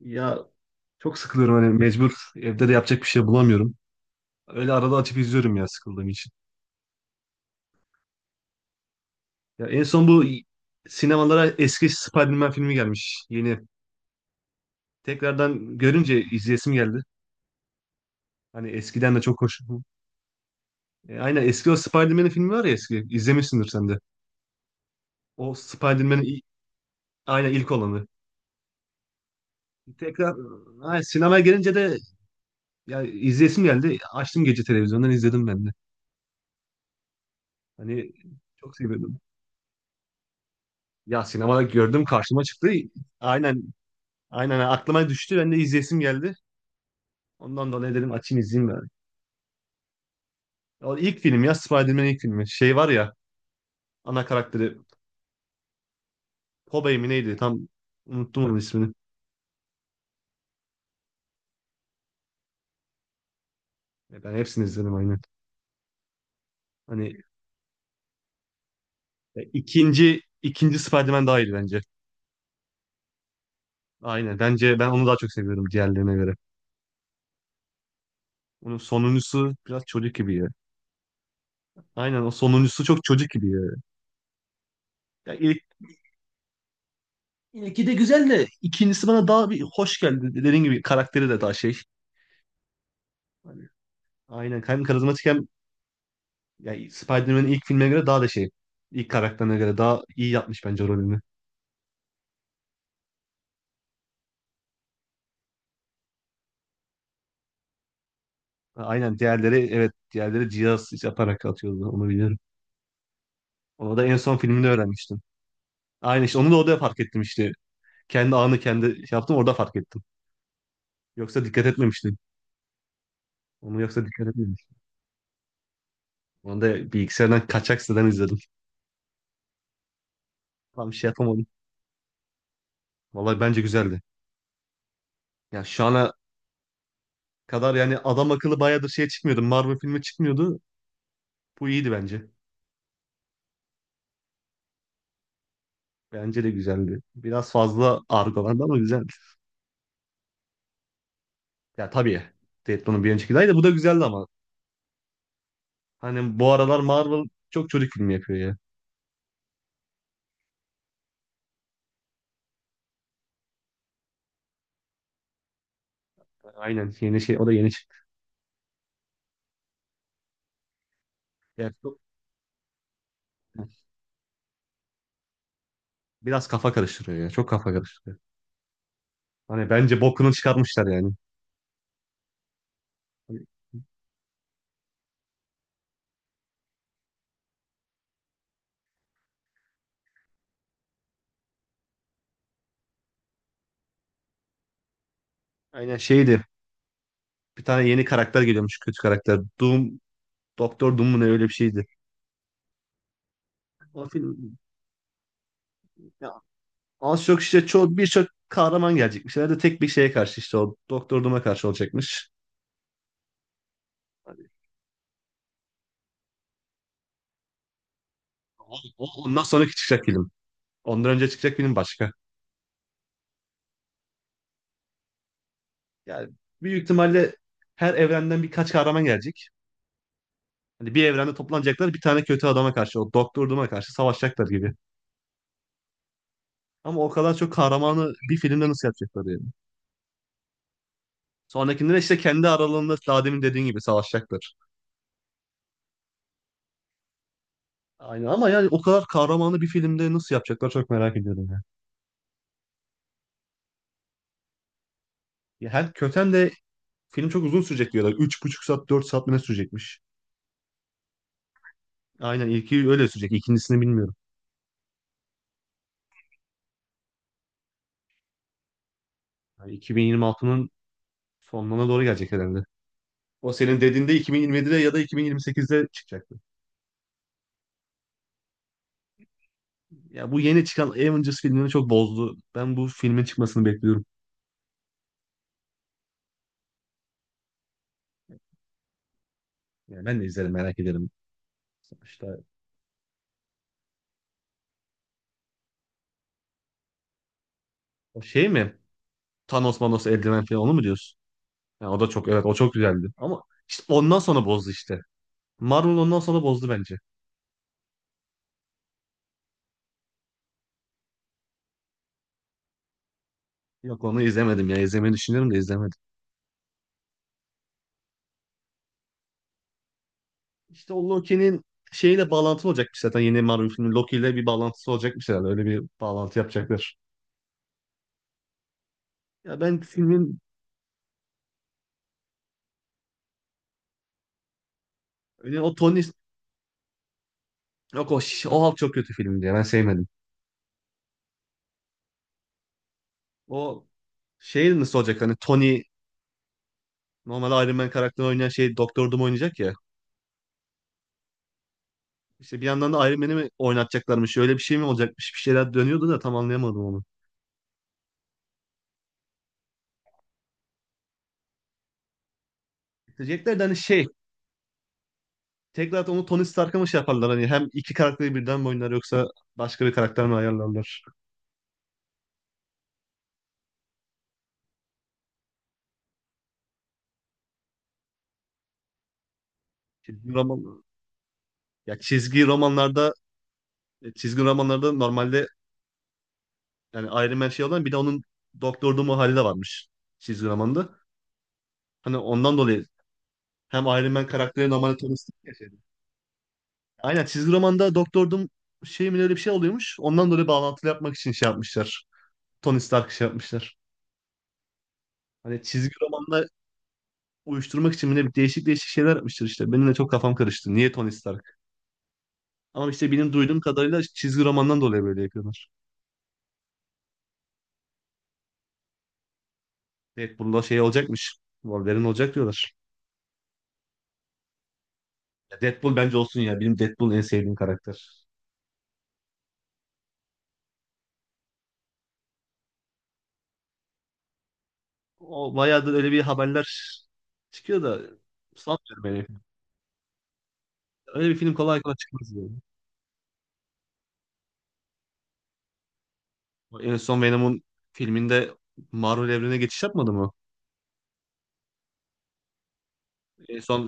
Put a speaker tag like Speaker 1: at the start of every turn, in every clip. Speaker 1: Ya çok sıkılıyorum hani mecbur evde de yapacak bir şey bulamıyorum. Öyle arada açıp izliyorum ya sıkıldığım için. Ya en son bu sinemalara eski Spider-Man filmi gelmiş yeni. Tekrardan görünce izleyesim geldi. Hani eskiden de çok hoş. Aynen eski o Spider-Man filmi var ya eski. İzlemişsindir sen de. O Spider-Man'in i- aynen ilk olanı. Tekrar aynen, sinemaya gelince de ya izleyesim geldi. Açtım gece televizyondan izledim ben de. Hani çok seviyordum. Ya sinemada gördüm karşıma çıktı. Aynen. Aynen aklıma düştü. Ben de izleyesim geldi. Ondan dolayı dedim açayım izleyeyim yani. O ilk film ya Spider-Man'in ilk filmi. Şey var ya ana karakteri Tobey mi neydi? Tam unuttum onun ismini. Ya ben hepsini izledim aynen. Hani ikinci Spider-Man daha iyi bence. Aynen. Bence ben onu daha çok seviyorum diğerlerine göre. Onun sonuncusu biraz çocuk gibi ya. Aynen o sonuncusu çok çocuk gibi ya. Ya ilk, ilki de güzel de ikincisi bana daha bir hoş geldi. Dediğim gibi karakteri de daha şey. Hani, aynen. Hem karizmatik hem yani Spider-Man'in ilk filmine göre daha da şey. İlk karakterine göre daha iyi yapmış bence rolünü. Aynen diğerleri, evet, diğerleri cihaz yaparak atıyordu, onu biliyorum. Onu da en son filmini öğrenmiştim. Aynen işte onu da orada fark ettim işte. Kendi anı kendi şey yaptım orada fark ettim. Yoksa dikkat etmemiştim. Onu yoksa dikkat etmemiştim. Onu da bilgisayardan kaçak siteden izledim. Tam şey yapamadım. Vallahi bence güzeldi. Ya şu ana kadar yani adam akıllı bayağıdır şey çıkmıyordu. Marvel filmi çıkmıyordu. Bu iyiydi bence. Bence de güzeldi. Biraz fazla argo vardı ama güzel. Ya tabii. Deadpool'un bir önceki daha iyi de bu da güzeldi ama. Hani bu aralar Marvel çok çocuk filmi yapıyor ya. Aynen yeni şey, o da yeni çıktı. Ya çok- Biraz kafa karıştırıyor ya. Çok kafa karıştırıyor. Hani bence bokunu çıkarmışlar yani. Hani Aynen şeydi. Bir tane yeni karakter geliyormuş, kötü karakter. Doom, Doktor Doom mu ne, öyle bir şeydi. O film ya az çok işte çoğu, birçok kahraman gelecekmiş. Herhalde tek bir şeye karşı, işte o Doktor Doom'a karşı olacakmış. Hani ondan sonraki çıkacak film. Ondan önce çıkacak film başka. Yani büyük ihtimalle her evrenden birkaç kahraman gelecek. Hani bir evrende toplanacaklar bir tane kötü adama karşı, o Doktor Doom'a karşı savaşacaklar gibi. Ama o kadar çok kahramanı bir filmde nasıl yapacaklar yani? Sonrakinde de işte kendi aralarında daha demin dediğin gibi savaşacaklar. Aynen ama yani o kadar kahramanı bir filmde nasıl yapacaklar çok merak ediyorum ya. Ya hem köten de film çok uzun sürecek diyorlar. Üç buçuk saat, 4 saat mi ne sürecekmiş? Aynen ilki öyle sürecek. İkincisini bilmiyorum. Yani 2026'nın sonlarına doğru gelecek herhalde. O senin dediğinde 2027'de ya da 2028'de çıkacaktı. Ya bu yeni çıkan Avengers filmini çok bozdu. Ben bu filmin çıkmasını bekliyorum. Yani ben de izlerim, merak ederim. İşte o şey mi? Thanos Manos eldiven falan onu mu diyorsun? Ya o da çok, evet, o çok güzeldi. Ama işte ondan sonra bozdu işte. Marvel ondan sonra bozdu bence. Yok onu izlemedim ya. İzlemeyi düşünüyorum da izlemedim. İşte o Loki'nin şeyle bağlantılı olacakmış zaten yeni Marvel filmi. Loki ile bir bağlantısı olacakmış herhalde. Öyle bir bağlantı yapacaklar. Ya ben filmin öyle o Tony Yok o, o halk çok kötü filmdi ya. Ben sevmedim. O şey nasıl olacak hani Tony normalde Iron Man karakterini oynayan şey Doktor Doom oynayacak ya. İşte bir yandan da Iron Man'i mi oynatacaklarmış? Öyle bir şey mi olacakmış? Bir şeyler dönüyordu da tam anlayamadım onu. Diyecekler de hani şey tekrar onu Tony Stark'a mı şey yaparlar hani hem iki karakteri birden mi oynar yoksa başka bir karakter mi ayarlarlar? Çizgi roman ya çizgi romanlarda çizgi romanlarda normalde yani Iron Man şey olan bir de onun Doktor Doom'u hali de varmış çizgi romanda. Hani ondan dolayı hem Iron Man karakteri normalde tanıştık ya şeyde. Aynen çizgi romanda Doktor Doom şey mi öyle bir şey oluyormuş. Ondan dolayı bağlantılı yapmak için şey yapmışlar. Tony Stark şey yapmışlar. Hani çizgi romanla uyuşturmak için bile değişik değişik şeyler yapmışlar işte. Benim de çok kafam karıştı. Niye Tony Stark? Ama işte benim duyduğum kadarıyla çizgi romandan dolayı böyle yapıyorlar. Deadpool'da şey olacakmış. Wolverine olacak diyorlar. Ya Deadpool bence olsun ya. Benim Deadpool en sevdiğim karakter. O bayağıdır öyle bir haberler çıkıyor da sanmıyorum yani. Öyle bir film kolay kolay çıkmaz yani. En son Venom'un filminde Marvel evrenine geçiş yapmadı mı? En son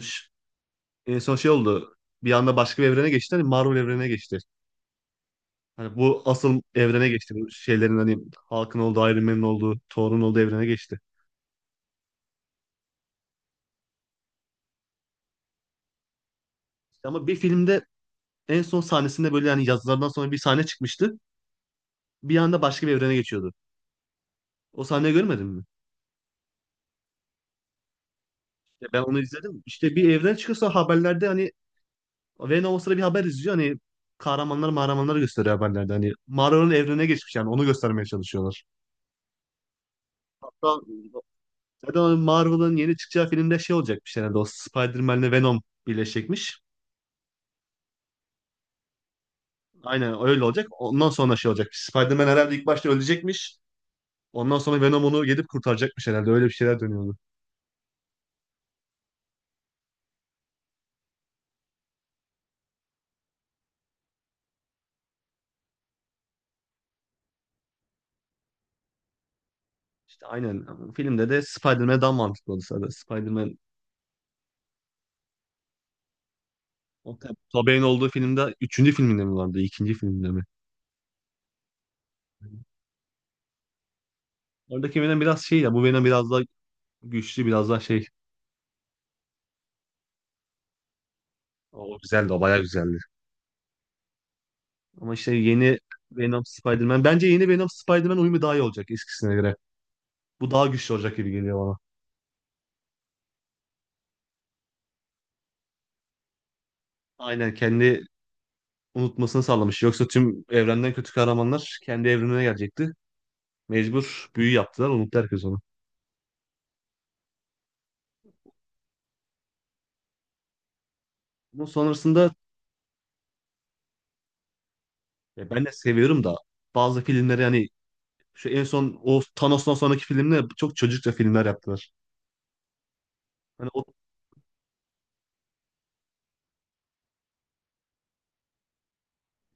Speaker 1: en son şey oldu. Bir anda başka bir evrene geçti. Hani Marvel evrenine geçti. Hani bu asıl evrene geçti. Bu şeylerin hani Hulk'ın olduğu, Iron Man'in olduğu, Thor'un olduğu evrene geçti. Ama bir filmde en son sahnesinde böyle yani yazılardan sonra bir sahne çıkmıştı. Bir anda başka bir evrene geçiyordu. O sahneyi görmedin mi? Ya ben onu izledim. İşte bir evren çıkıyorsa haberlerde hani Venom o sıra bir haber izliyor. Hani kahramanlar mahramanları gösteriyor haberlerde. Hani Marvel'ın evrene geçmiş yani onu göstermeye çalışıyorlar. Hatta zaten Marvel'ın yeni çıkacağı filmde şey olacakmış herhalde o Spider-Man'le Venom birleşecekmiş. Aynen öyle olacak. Ondan sonra şey olacak? Spider-Man herhalde ilk başta ölecekmiş. Ondan sonra Venom onu gidip kurtaracakmış herhalde. Öyle bir şeyler dönüyordu. İşte aynen. Filmde de Spider-Man daha mantıklı oldu zaten. Spider-Man o Tobey'in olduğu filmde üçüncü filminde mi vardı? İkinci filminde mi? Oradaki Venom biraz şey ya bu Venom biraz daha güçlü biraz daha şey. O güzeldi, o bayağı güzeldi. Ama işte yeni Venom Spider-Man. Bence yeni Venom Spider-Man uyumu daha iyi olacak eskisine göre. Bu daha güçlü olacak gibi geliyor bana. Aynen kendi unutmasını sağlamış. Yoksa tüm evrenden kötü kahramanlar kendi evrenine gelecekti. Mecbur büyü yaptılar, unuttu herkes onu. Bunun sonrasında ya ben de seviyorum da bazı filmleri hani şu en son o Thanos'tan sonraki filmde çok çocukça filmler yaptılar. Hani o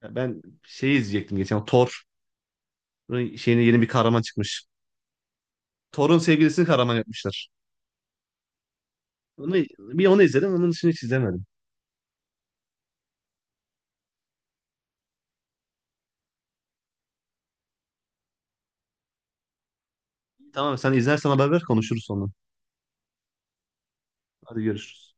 Speaker 1: ya ben şeyi izleyecektim geçen Thor şeyine yeni bir kahraman çıkmış. Thor'un sevgilisini kahraman yapmışlar. Onu, bir onu izledim. Onun dışında hiç izlemedim. Tamam sen izlersen haber ver konuşuruz sonra. Hadi görüşürüz.